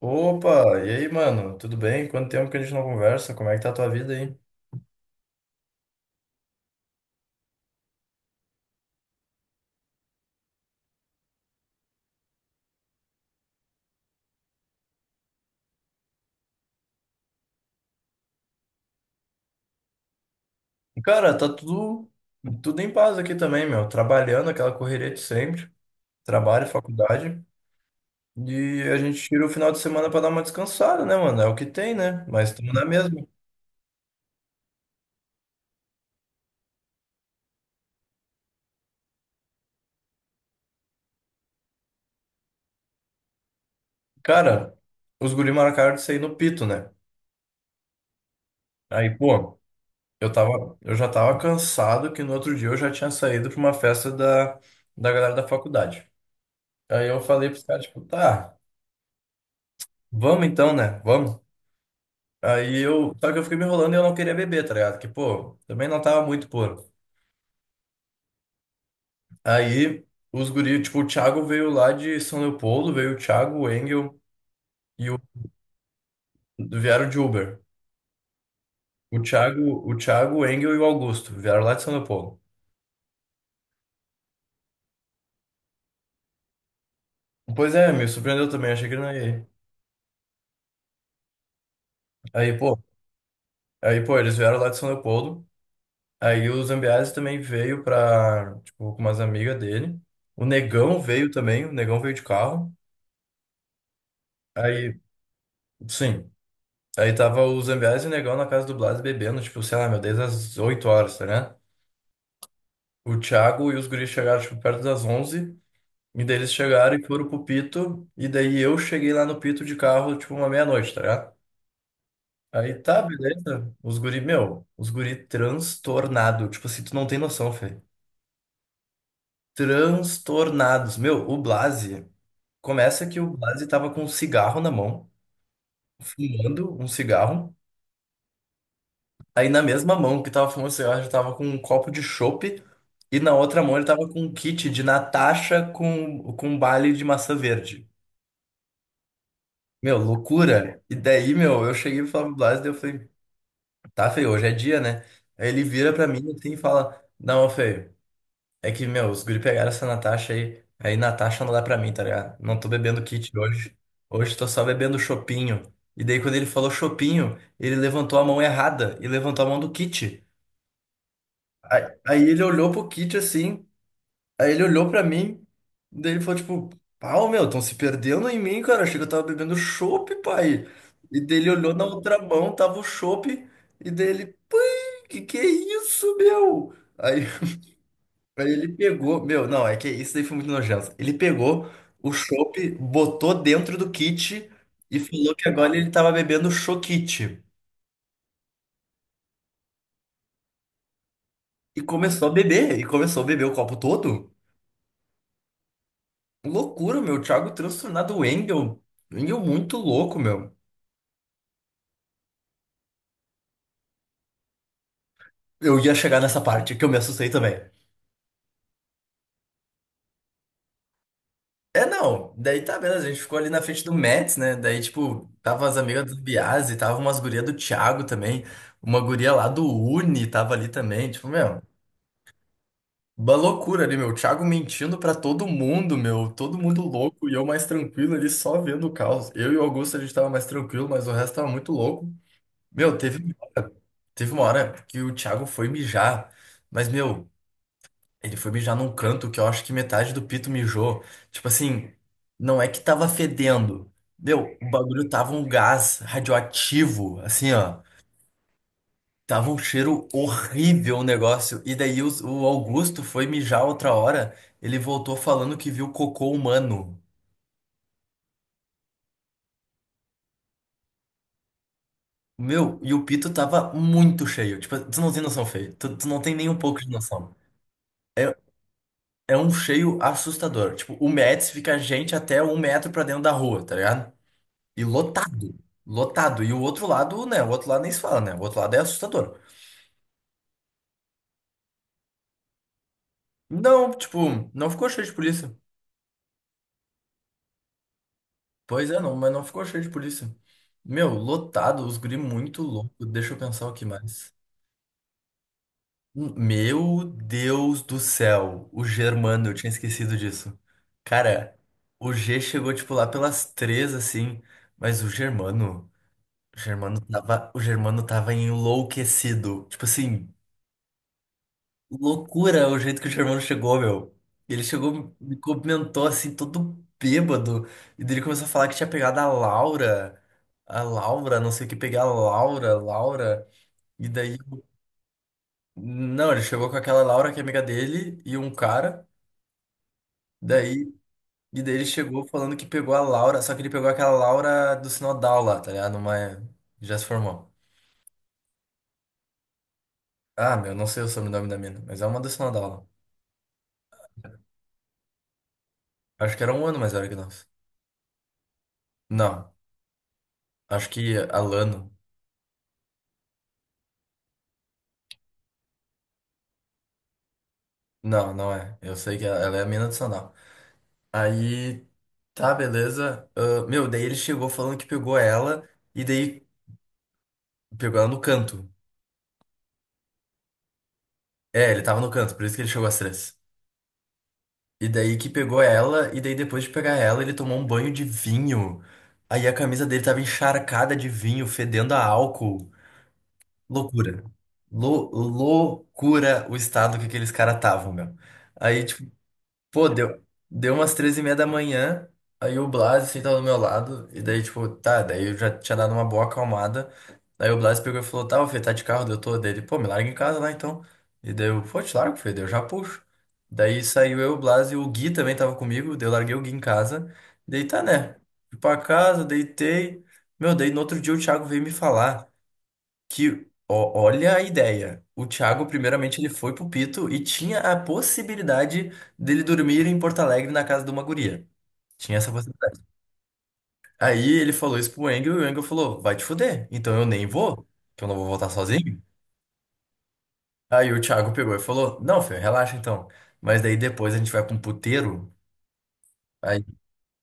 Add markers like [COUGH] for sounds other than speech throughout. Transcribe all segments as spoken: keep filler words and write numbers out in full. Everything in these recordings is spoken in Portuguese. Opa, e aí, mano? Tudo bem? Quanto tempo que a gente não conversa? Como é que tá a tua vida aí? Cara, tá tudo, tudo em paz aqui também, meu. Trabalhando aquela correria de sempre, trabalho, faculdade. E a gente tira o final de semana pra dar uma descansada, né, mano? É o que tem, né? Mas estamos na mesma. Cara, os guri marcaram de sair no pito, né? Aí, pô, eu tava, eu já tava cansado que no outro dia eu já tinha saído pra uma festa da, da galera da faculdade. Aí eu falei pros caras, tipo, tá, vamos então, né? Vamos. Aí eu, só que eu fiquei me enrolando e eu não queria beber, tá ligado? Que, pô, também não tava muito puro. Aí os guri, tipo, o Thiago veio lá de São Leopoldo, veio o Thiago, o Engel e o, vieram de Uber. O Thiago, o Thiago, o Engel e o Augusto vieram lá de São Leopoldo. Pois é, me surpreendeu também, achei que não ia. ir. Aí, pô, aí, pô, eles vieram lá de São Leopoldo. Aí o Zambiase também veio pra, tipo, com umas amigas dele. O Negão veio também, o Negão veio de carro. Aí, sim. Aí tava o Zambiase e o Negão na casa do Blas bebendo, tipo, sei lá, meu, desde as oito horas, tá ligado? O Thiago e os guris chegaram, tipo, perto das onze. E daí eles chegaram e foram pro Pito. E daí eu cheguei lá no Pito de carro, tipo, uma meia-noite, tá ligado? Aí tá, beleza. Os guri, meu, os guri transtornado. Tipo assim, tu não tem noção, Fê. Transtornados. Meu, o Blase. Começa que o Blase tava com um cigarro na mão, fumando um cigarro. Aí na mesma mão que tava fumando cigarro, já tava com um copo de chopp. E na outra mão ele tava com um kit de Natasha com, com um baile de maçã verde. Meu, loucura. E daí, meu, eu cheguei pro Flávio Blase e eu falei, tá, feio, hoje é dia, né? Aí ele vira pra mim assim e fala, não, feio. É que, meu, os guri pegaram essa Natasha aí. Aí Natasha não dá pra mim, tá ligado? Não tô bebendo kit hoje. Hoje tô só bebendo chopinho. E daí, quando ele falou chopinho, ele levantou a mão errada e levantou a mão do kit. Aí, aí ele olhou pro kit assim. Aí ele olhou pra mim. Daí ele falou, tipo, pau, meu, tão se perdendo em mim, cara. Achei que eu tava bebendo chopp, pai. E daí ele olhou na outra mão, tava o chopp. E daí ele, pai, que que é isso, meu? Aí. Aí ele pegou, meu, não, é que isso daí foi muito nojento. Ele pegou o chopp, botou dentro do kit e falou que agora ele tava bebendo choquite. E começou a beber, e começou a beber o copo todo. Loucura, meu, o Thiago transtornado, o Engel, o Engel muito louco, meu. Eu ia chegar nessa parte que eu me assustei também. É, não, daí tá beleza, a gente ficou ali na frente do Mets, né? Daí, tipo, tava as amigas do Biase, tava umas gurias do Thiago também, uma guria lá do Uni tava ali também, tipo, meu. Uma loucura ali, meu. O Thiago mentindo pra todo mundo, meu. Todo mundo louco e eu mais tranquilo ali só vendo o caos. Eu e o Augusto a gente tava mais tranquilo, mas o resto tava muito louco. Meu, teve, teve uma hora que o Thiago foi mijar, mas, meu, ele foi mijar num canto que eu acho que metade do pito mijou. Tipo assim, não é que tava fedendo. Meu, o bagulho tava um gás radioativo, assim, ó. Tava um cheiro horrível o negócio. E daí os- o Augusto foi mijar outra hora. Ele voltou falando que viu cocô humano. Meu, e o pito tava muito cheio. Tipo, tu não tem noção, Fê. Tu, tu não tem nem um pouco de noção. É, é um cheio assustador. Tipo, o Médici fica gente até um metro pra dentro da rua, tá ligado? E lotado. Lotado. E o outro lado, né? O outro lado nem se fala, né? O outro lado é assustador. Não, tipo, não ficou cheio de polícia. Pois é, não, mas não ficou cheio de polícia. Meu, lotado, os guri muito louco. Deixa eu pensar o que mais. Hum, Meu Deus do céu, o Germano, eu tinha esquecido disso. Cara, o G chegou tipo lá pelas três assim, mas o Germano, o Germano tava, o Germano tava enlouquecido. Tipo assim, loucura o jeito que o Germano chegou, meu. Ele chegou, me comentou assim, todo bêbado. E daí ele começou a falar que tinha pegado a Laura. A Laura, não sei o que, pegar a Laura, Laura. E daí. Não, ele chegou com aquela Laura que é amiga dele e um cara. Daí. E daí ele chegou falando que pegou a Laura. Só que ele pegou aquela Laura do Sinodal lá, tá ligado? Uma. Já se formou. Ah, meu, não sei o sobrenome da mina, mas é uma do Sinodal lá. Acho que era um ano mais velho que nós. Não, acho que Alano. Não, não é. Eu sei que ela ela é a mina do Sonal. Aí, tá, beleza. Ah, meu, daí ele chegou falando que pegou ela e daí pegou ela no canto. É, ele tava no canto, por isso que ele chegou às três. E daí que pegou ela, e daí depois de pegar ela, ele tomou um banho de vinho. Aí a camisa dele tava encharcada de vinho, fedendo a álcool. Loucura. Lou- loucura o estado que aqueles caras estavam, meu. Aí, tipo, pô, deu, deu umas três e meia da manhã, aí o Blas sentado do meu lado, e daí, tipo, tá, daí eu já tinha dado uma boa acalmada. Aí o Blas pegou e falou, tá, ô Fê, tá de carro, daí eu tô dele, pô, me larga em casa lá então. E daí eu, pô, te largo, Fê, daí eu já puxo. Daí saiu eu, o Blas e o Gui também tava comigo, daí eu larguei o Gui em casa. Daí tá, né? Fui pra casa, deitei. Meu, daí no outro dia o Thiago veio me falar. Que, ó- olha a ideia. O Thiago, primeiramente, ele foi pro Pito e tinha a possibilidade dele dormir em Porto Alegre na casa de uma guria. Tinha essa possibilidade. Aí ele falou isso pro Engel e o Engel falou: vai te fuder, então eu nem vou, que eu não vou voltar sozinho. Aí o Thiago pegou e falou: não, filho, relaxa então. Mas daí depois a gente vai pra um puteiro. Aí,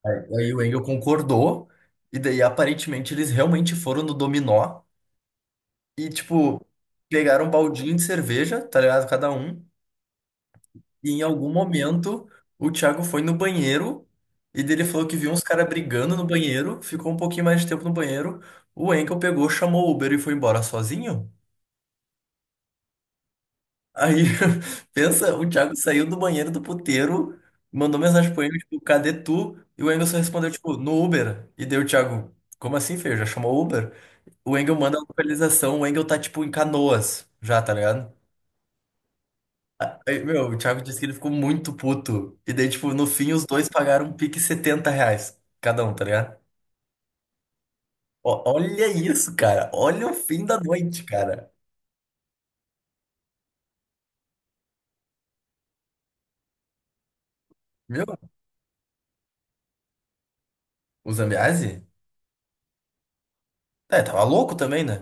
aí, aí o Engel concordou, e daí aparentemente eles realmente foram no dominó e, tipo, pegaram um baldinho de cerveja, tá ligado? Cada um. E em algum momento, o Thiago foi no banheiro e dele falou que viu uns caras brigando no banheiro, ficou um pouquinho mais de tempo no banheiro. O Enkel pegou, chamou o Uber e foi embora sozinho. Aí, [LAUGHS] pensa, o Thiago saiu do banheiro do puteiro, mandou mensagem pro Enkel, tipo, cadê tu? E o Engel só respondeu, tipo, no Uber. E daí o Thiago, como assim, feio? Já chamou o Uber? O Engel manda a localização, o Engel tá, tipo, em Canoas, já, tá ligado? Aí, meu, o Thiago disse que ele ficou muito puto. E daí, tipo, no fim, os dois pagaram um pique setenta reais cada um, tá ligado? Ó, olha isso, cara. Olha o fim da noite, cara. Meu, o Zambiase? É, tava louco também, né?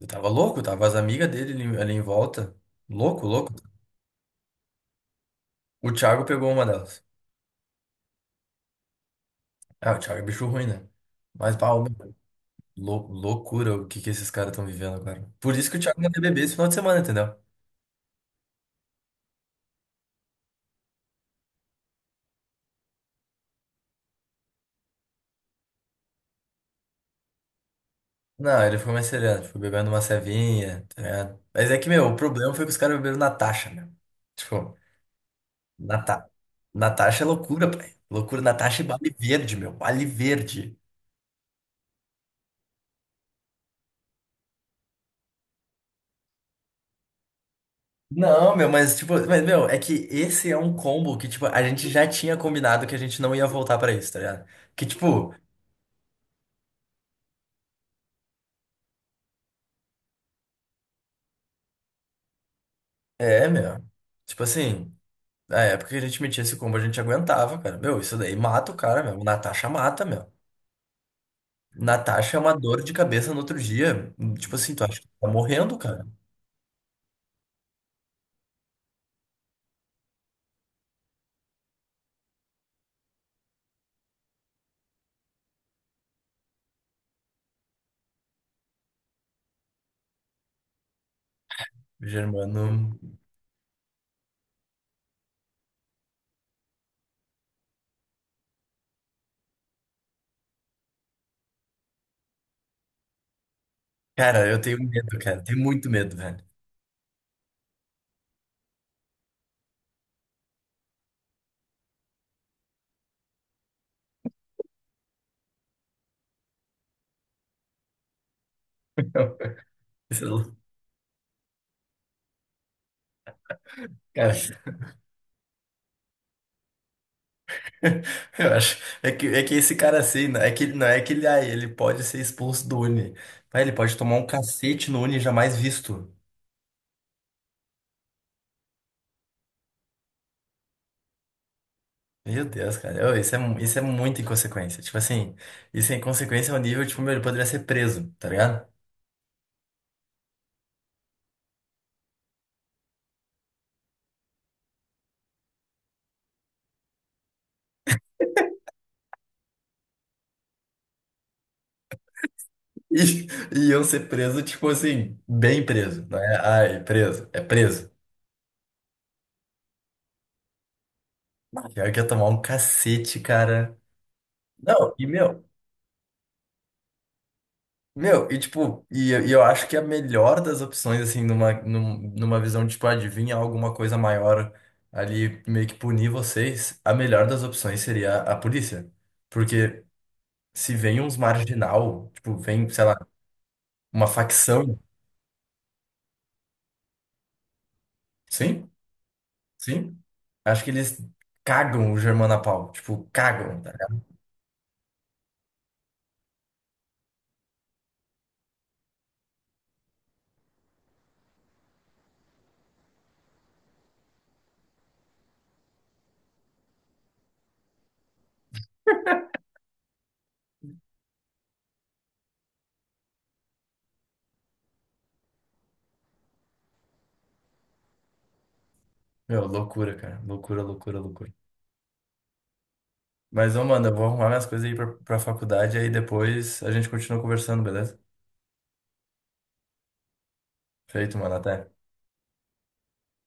Ele tava louco, tava as amigas dele ali, ali em volta. Louco, louco. O Thiago pegou uma delas. Ah, o Thiago é bicho ruim, né? Mas, pau, meu, lou- loucura o que que esses caras estão vivendo agora. Por isso que o Thiago não quer beber esse final de semana, entendeu? Não, ele ficou mais sereno, tipo, bebendo uma cevinha, tá ligado? Mas é que, meu, o problema foi que os caras beberam Natasha, meu. Tipo, Nata... Natasha é loucura, pai. Loucura, Natasha e Bale Verde, meu. Bale Verde. Não, meu, mas, tipo, mas, meu, é que esse é um combo que, tipo, a gente já tinha combinado que a gente não ia voltar pra isso, tá ligado? Que, tipo, é, meu. Tipo assim, na época que a gente metia esse combo, a gente aguentava, cara. Meu, isso daí mata o cara, meu. O Natasha mata, meu. Natasha é uma dor de cabeça no outro dia. Tipo assim, tu acha que tá morrendo, cara? Germano. Cara, eu tenho medo, cara. Tenho muito medo, velho. [LAUGHS] Sei lá. Cara, [LAUGHS] eu acho. É que, é que esse cara assim, não é que, não é que ele, ah, ele pode ser expulso do Uni. Mas ele pode tomar um cacete no Uni jamais visto. Meu Deus, cara. Ô, isso é, mu- isso é muita inconsequência. Tipo assim, isso é inconsequência ao nível, tipo, meu, ele poderia ser preso, tá ligado? E e iam ser preso, tipo assim, bem preso. Não é, ai, preso, é preso. Pior que ia tomar um cacete, cara. Não, e meu, meu, e tipo, e, eu- e eu acho que a melhor das opções, assim, numa, num- numa visão de, tipo, adivinha alguma coisa maior ali, meio que punir vocês, a melhor das opções seria a polícia. Porque se vem uns marginal, tipo, vem, sei lá, uma facção, sim, sim, acho que eles cagam o Germano a pau, tipo, cagam. Meu, loucura, cara. Loucura, loucura, loucura. Mas, ô, mano, eu vou arrumar minhas coisas aí pra, pra faculdade, aí depois a gente continua conversando, beleza? Feito, mano, até.